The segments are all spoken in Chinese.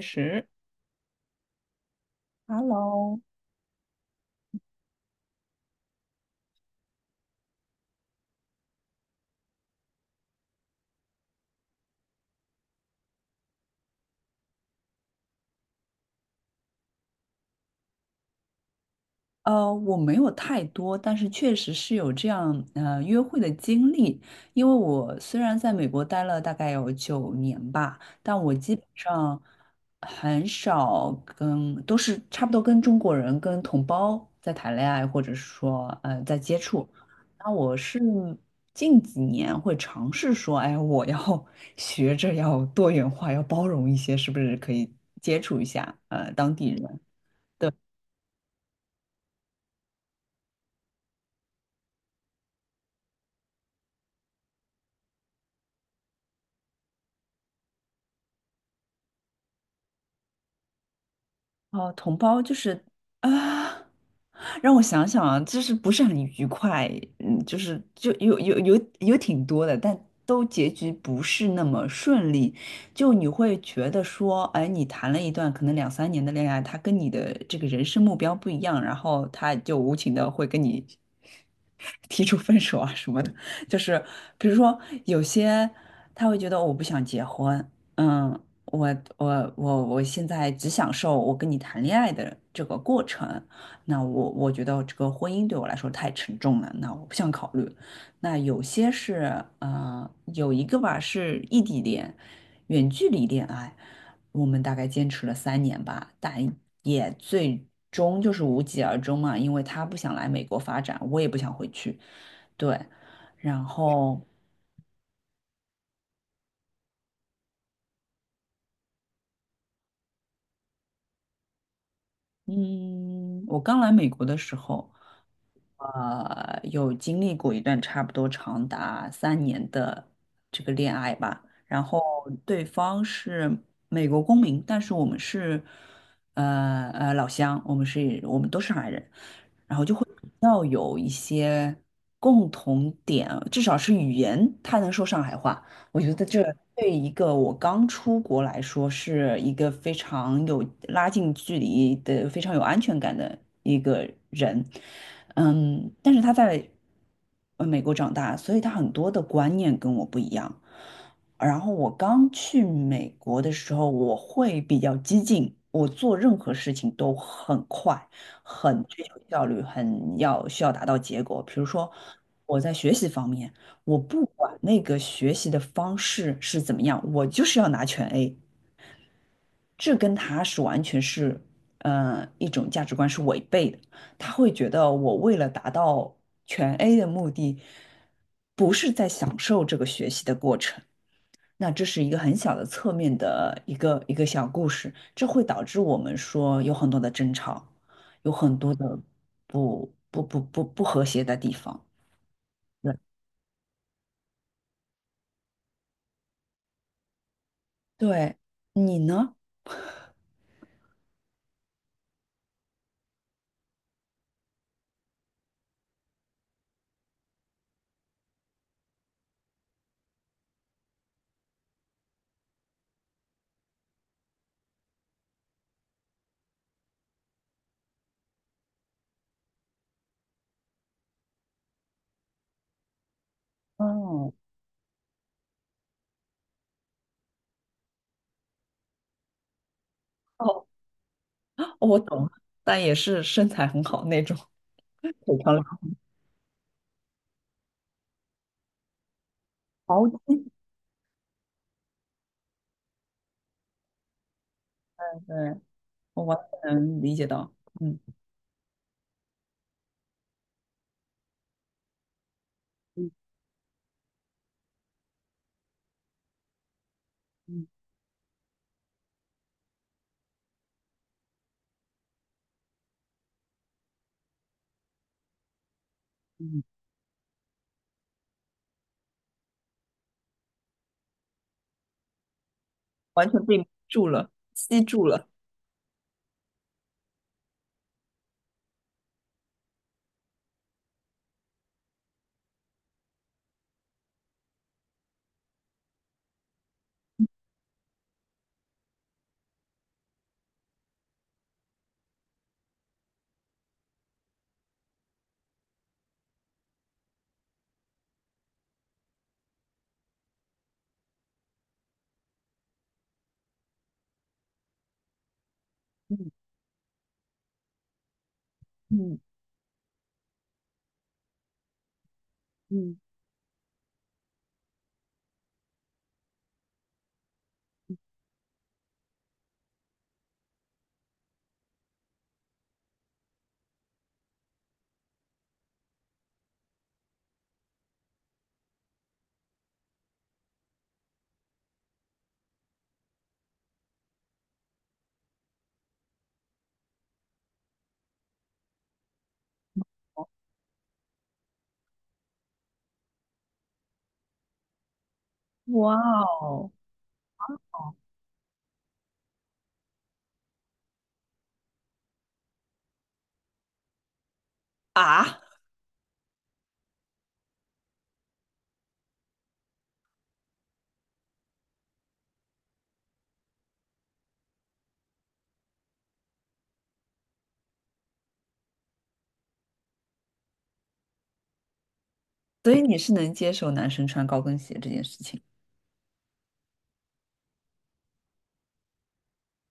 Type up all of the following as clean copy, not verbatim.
确实，Hello，我没有太多，但是确实是有这样约会的经历。因为我虽然在美国待了大概有9年吧，但我基本上很少跟，都是差不多跟中国人、跟同胞在谈恋爱，或者是说在接触。那我是近几年会尝试说，哎，我要 学着要多元化，要包容一些，是不是可以接触一下当地人？哦，同胞就是啊，让我想想啊，就是不是很愉快，就是就有挺多的，但都结局不是那么顺利，就你会觉得说，哎，你谈了一段可能两三年的恋爱，他跟你的这个人生目标不一样，然后他就无情的会跟你 提出分手啊什么的，就是比如说有些他会觉得我不想结婚。嗯，我我现在只享受我跟你谈恋爱的这个过程，那我觉得这个婚姻对我来说太沉重了，那我不想考虑。那有些是有一个吧是异地恋，远距离恋爱，我们大概坚持了三年吧，但也最终就是无疾而终嘛，因为他不想来美国发展，我也不想回去，对，然后嗯，我刚来美国的时候。有经历过一段差不多长达三年的这个恋爱吧，然后对方是美国公民，但是我们是老乡，我们都是上海人，要有一些共同点，至少是语言，他能说上海话。我觉得这对一个我刚出国来说，是一个非常有拉近距离的、非常有安全感的一个人。嗯，但是他在美国长大，所以他很多的观念跟我不一样。然后我刚去美国的时候，我会比较激进，我做任何事情都很快。很追求效率，很需要达到结果。比如说，我在学习方面，我不管那个学习的方式是怎么样，我就是要拿全 A，这跟他是完全是，一种价值观是违背的。他会觉得我为了达到全 A 的目的，不是在享受这个学习的过程。那这是一个很小的侧面的一个小故事，这会导致我们说有很多的争吵，有很多的不和谐的地方。对，对，你呢？哦哦，我懂了，但也是身材很好那种，腿长好 好巾。对，我完全能理解到，嗯嗯嗯嗯完全被迷住了，吸住了。嗯嗯，哇哦啊！所以你是能接受男生穿高跟鞋这件事情？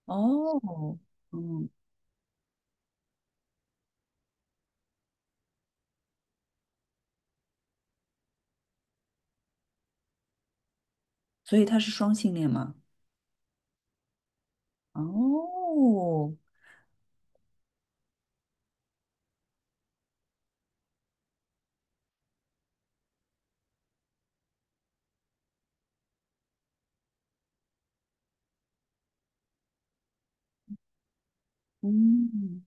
哦，嗯，所以他是双性恋吗？哦，嗯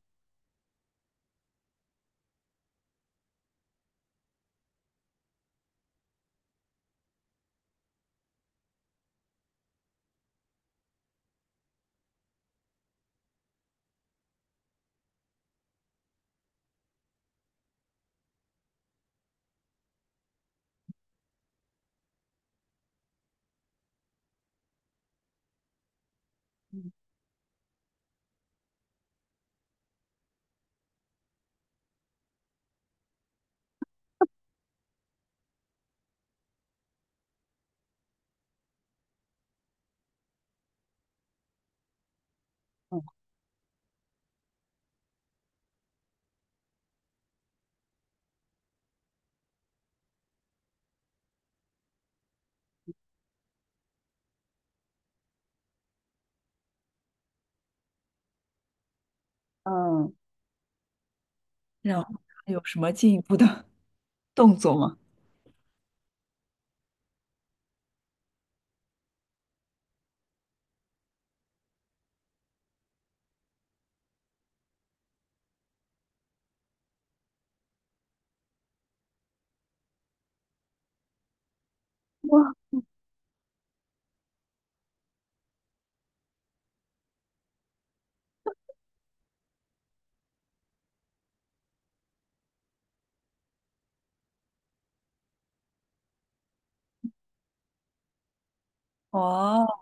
嗯，然后还有什么进一步的 动作吗？哦，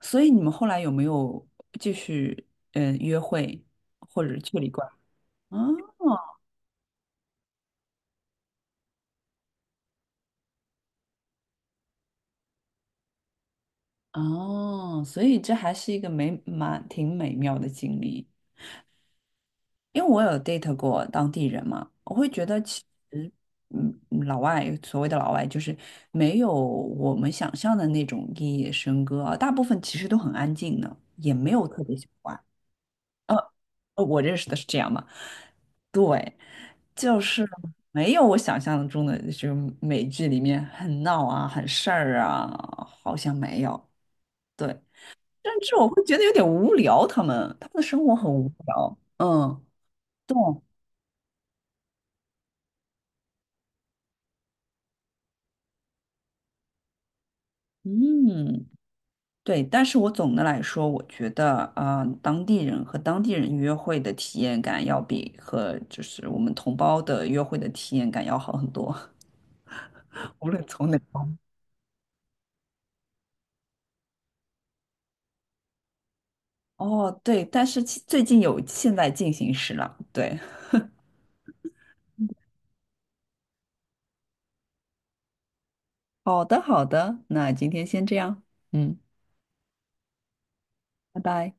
所以你们后来有没有继续约会或者去旅馆？哦哦，所以这还是一个蛮挺美妙的经历。因为我有 date 过当地人嘛，我会觉得其实，老外所谓的老外就是没有我们想象的那种夜夜笙歌啊，大部分其实都很安静的，也没有特别喜欢。呃，我认识的是这样嘛，对，就是没有我想象中的，就是美剧里面很闹啊、很事儿啊，好像没有。对，甚至我会觉得有点无聊，他们的生活很无聊。嗯，对，嗯。对，但是我总的来说，我觉得啊当地人和当地人约会的体验感要比和就是我们同胞的约会的体验感要好很多，无论从哪方面。哦，对，但是最近有现在进行时了，对，好的，好的，那今天先这样，嗯。拜拜。